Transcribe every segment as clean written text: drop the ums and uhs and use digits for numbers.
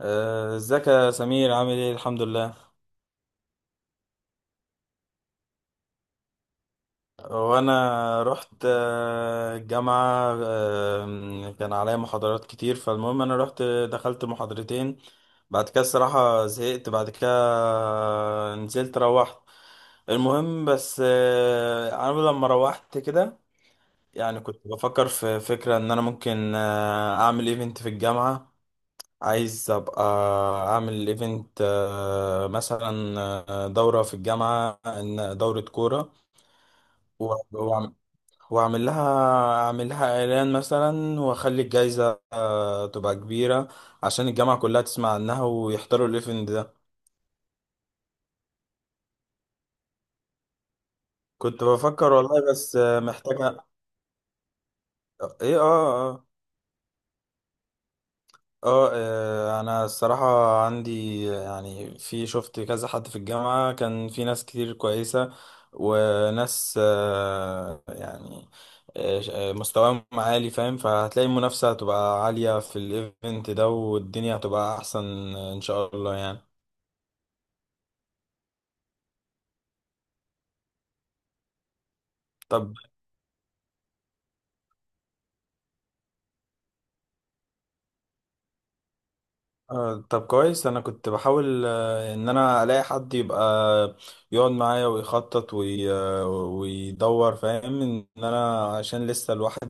ازيك يا سمير، عامل ايه؟ الحمد لله. وانا رحت الجامعة، كان عليا محاضرات كتير، فالمهم انا رحت دخلت محاضرتين. بعد كده الصراحة زهقت، بعد كده نزلت روحت. المهم بس انا لما روحت كده يعني كنت بفكر في فكرة ان انا ممكن اعمل ايفنت في الجامعة. عايز ابقى اعمل ايفنت، مثلا دورة في الجامعة، دورة كورة. و- وأعم- واعمل لها اعمل لها اعلان مثلا، واخلي الجايزة تبقى كبيرة عشان الجامعة كلها تسمع عنها ويحضروا الايفنت ده. كنت بفكر والله، بس محتاجة. ايه، اه، آه. اه، انا الصراحة عندي يعني، في شفت كذا حد في الجامعة، كان في ناس كتير كويسة. وناس يعني، آه، مستواهم عالي، فاهم؟ فهتلاقي المنافسة هتبقى عالية في الايفنت ده، والدنيا هتبقى احسن ان شاء الله يعني. طب، طب كويس، انا كنت بحاول ان انا الاقي حد يبقى يقعد معايا ويخطط ويدور، فاهم؟ ان انا عشان لسه الواحد،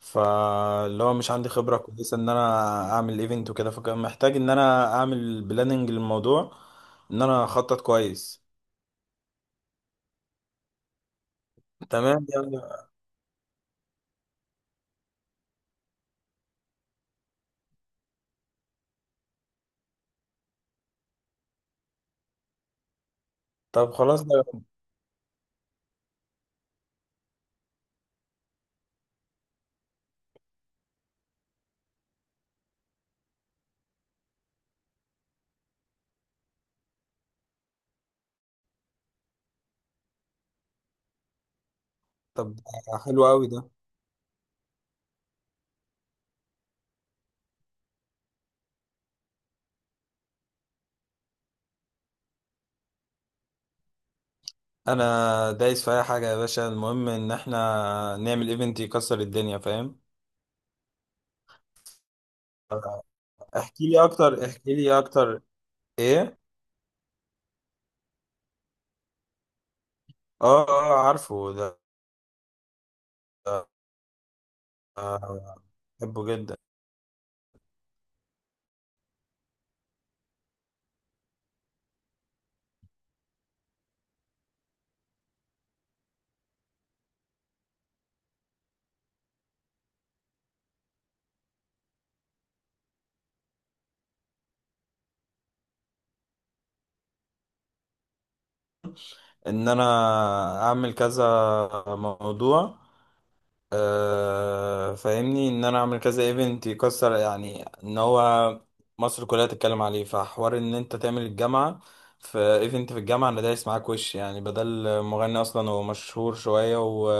فاللي هو مش عندي خبرة كويسة ان انا اعمل ايفنت وكده، فكان محتاج ان انا اعمل بلاننج للموضوع. ان انا اخطط كويس. تمام يعني. طب خلاص ده. طب ده حلو قوي ده. انا دايس في اي حاجة يا باشا، المهم ان احنا نعمل ايفنت يكسر الدنيا، فاهم؟ احكي لي اكتر، احكي لي اكتر، ايه؟ اه اه، عارفه ده. آه، بحبه جدا. ان انا اعمل كذا موضوع، فاهمني، ان انا اعمل كذا ايفنت يكسر، يعني ان هو مصر كلها تتكلم عليه، فحوار ان انت تعمل الجامعة في ايفنت في الجامعة، انا دايس معاك وش يعني، بدل مغني اصلا هو مشهور شوية و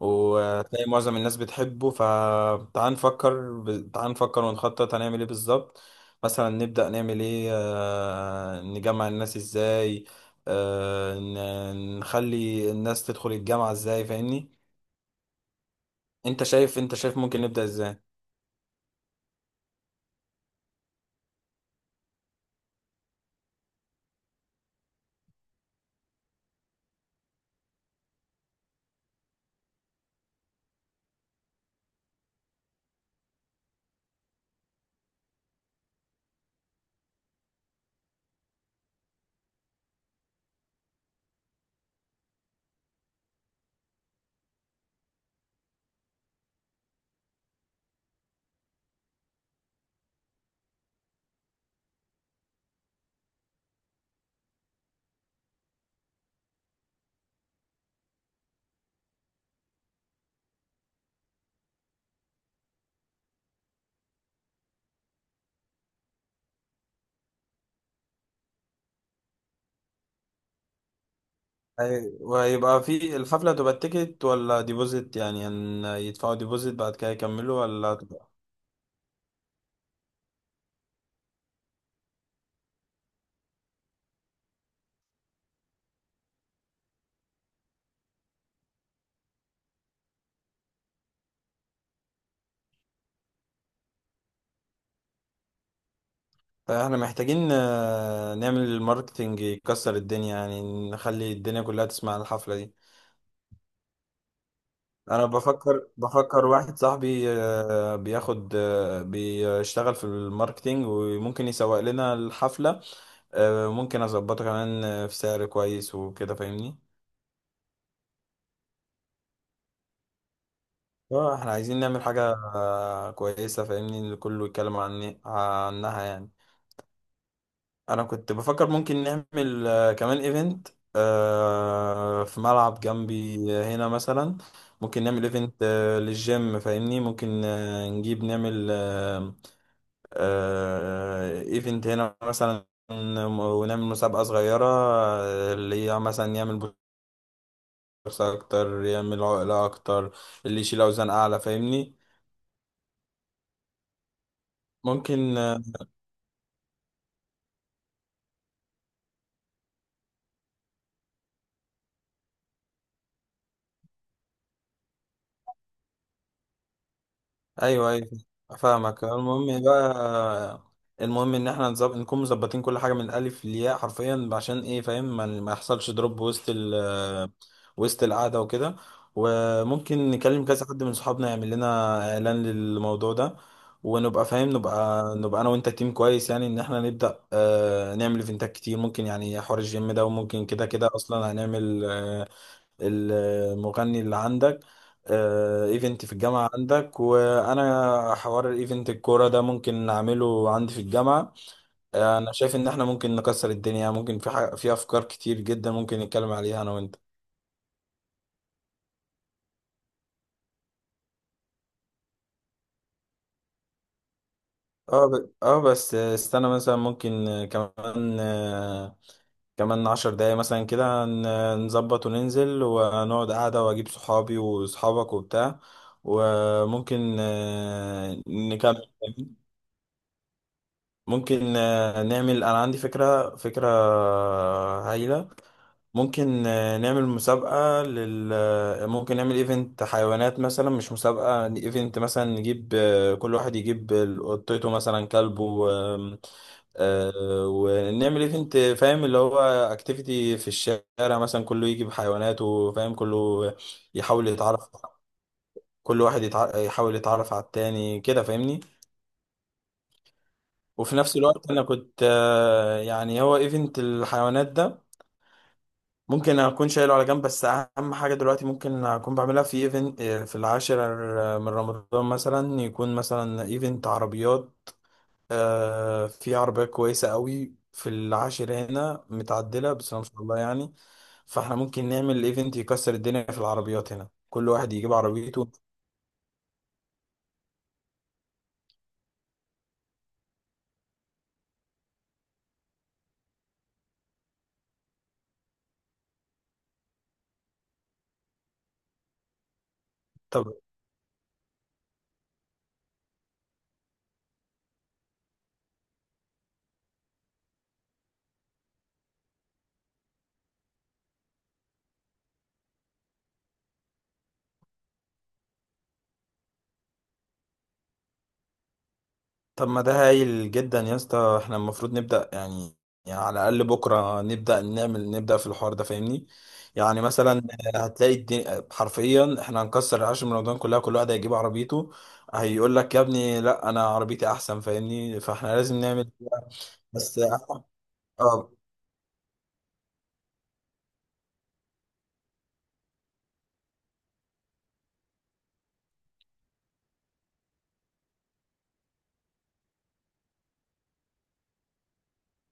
وتلاقي معظم الناس بتحبه، فتعال نفكر تعال نفكر ونخطط هنعمل ايه بالظبط. مثلا نبدأ نعمل ايه، نجمع الناس ازاي، آه، نخلي الناس تدخل الجامعة ازاي، فاهمني؟ انت شايف، انت شايف ممكن نبدأ ازاي؟ وهيبقى في الحفلة، هتبقى تيكت ولا ديبوزيت؟ يعني ان يدفعوا ديبوزيت بعد كده يكملوا. فاحنا محتاجين نعمل الماركتينج يكسر الدنيا، يعني نخلي الدنيا كلها تسمع عن الحفلة دي. انا بفكر واحد صاحبي بياخد، بيشتغل في الماركتينج وممكن يسوق لنا الحفلة. ممكن اظبطه كمان في سعر كويس وكده فاهمني. اه احنا عايزين نعمل حاجة كويسة، فاهمني؟ اللي كله يتكلم عني عنها يعني. انا كنت بفكر ممكن نعمل كمان ايفنت في ملعب جنبي هنا مثلا. ممكن نعمل ايفنت للجيم، فاهمني؟ ممكن نجيب نعمل ايفنت هنا مثلا، ونعمل مسابقة صغيرة، اللي هي مثلا يعمل بوكس اكتر، يعمل عقلة اكتر، اللي يشيل اوزان اعلى، فاهمني؟ ممكن آه، ايوه ايوه، فاهمك. المهم بقى، المهم ان احنا نكون مظبطين كل حاجه من الالف للياء، حرفيا، عشان ايه، فاهم؟ ما يحصلش دروب وسط وسط القعده وكده. وممكن نكلم كذا حد من صحابنا يعمل لنا اعلان للموضوع ده. ونبقى فاهم، نبقى انا وانت تيم كويس، يعني ان احنا نبدا نعمل ايفنتات كتير، ممكن يعني حوار الجيم ده، وممكن كده كده اصلا هنعمل، المغني اللي عندك، ايفنت في الجامعة عندك، وانا حوار الايفنت الكورة ده ممكن نعمله عندي في الجامعة. انا شايف ان احنا ممكن نكسر الدنيا، ممكن في حاجة، في افكار كتير جدا ممكن نتكلم عليها انا وانت. اه، بس استنى مثلا، ممكن كمان، كمان 10 دقايق مثلا كده نظبط وننزل ونقعد قعدة، واجيب صحابي وصحابك وبتاع، وممكن نكمل. ممكن نعمل، انا عندي فكرة، فكرة هايلة. ممكن نعمل مسابقة لل آه، ممكن نعمل ايفنت حيوانات مثلا، مش مسابقة، ايفنت مثلا، نجيب كل واحد يجيب قطته مثلا، كلبه، آم، آه، ونعمل ايفنت، فاهم؟ اللي هو اكتيفيتي في الشارع مثلا، كله يجي بحيواناته، فاهم؟ كله يحاول يتعرف، كل واحد يحاول يتعرف على التاني كده، فاهمني؟ وفي نفس الوقت، انا كنت يعني، هو ايفنت الحيوانات ده ممكن اكون شايله على جنب، بس اهم حاجه دلوقتي ممكن اكون بعملها في ايفنت في العاشر من رمضان مثلا، يكون مثلا ايفنت عربيات، في عربيه كويسه قوي في العاشر هنا متعدله، بس ما شاء الله يعني. فاحنا ممكن نعمل ايفنت يكسر الدنيا في العربيات هنا، كل واحد يجيب عربيته. طب ما ده هايل جدا يا اسطى، احنا المفروض نبدأ يعني, يعني على الأقل بكرة نبدأ نعمل، نبدأ في الحوار ده، فاهمني؟ يعني مثلا هتلاقي الدنيا حرفيا، احنا هنكسر العشر من رمضان كلها، كل واحد هيجيب عربيته، هيقول لك يا ابني لا، انا عربيتي احسن، فاهمني؟ فاحنا لازم نعمل كده. بس اه،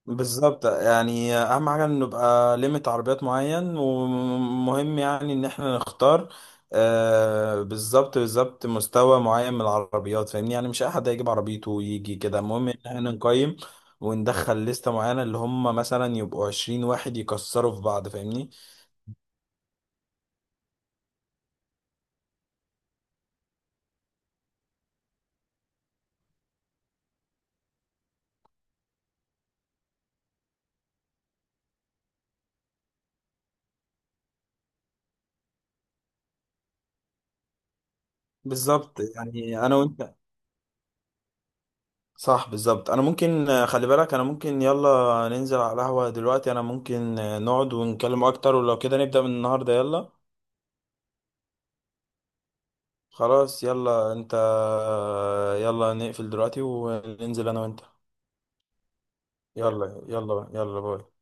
بالظبط يعني، اهم حاجه ان نبقى ليميت عربيات معين، ومهم يعني ان احنا نختار بالظبط، بالظبط مستوى معين من العربيات، فاهمني؟ يعني مش اي حد هيجيب عربيته ويجي كده، المهم ان احنا نقيم وندخل لستة معينة اللي هم مثلا يبقوا 20 واحد يكسروا في بعض، فاهمني؟ بالظبط يعني، انا وانت. صح، بالظبط، انا ممكن خلي بالك، انا ممكن، يلا ننزل على القهوة دلوقتي، انا ممكن نقعد ونتكلم اكتر، ولو كده نبدأ من النهاردة، يلا. خلاص يلا انت، يلا نقفل دلوقتي وننزل انا وانت. يلا يلا يلا، باي.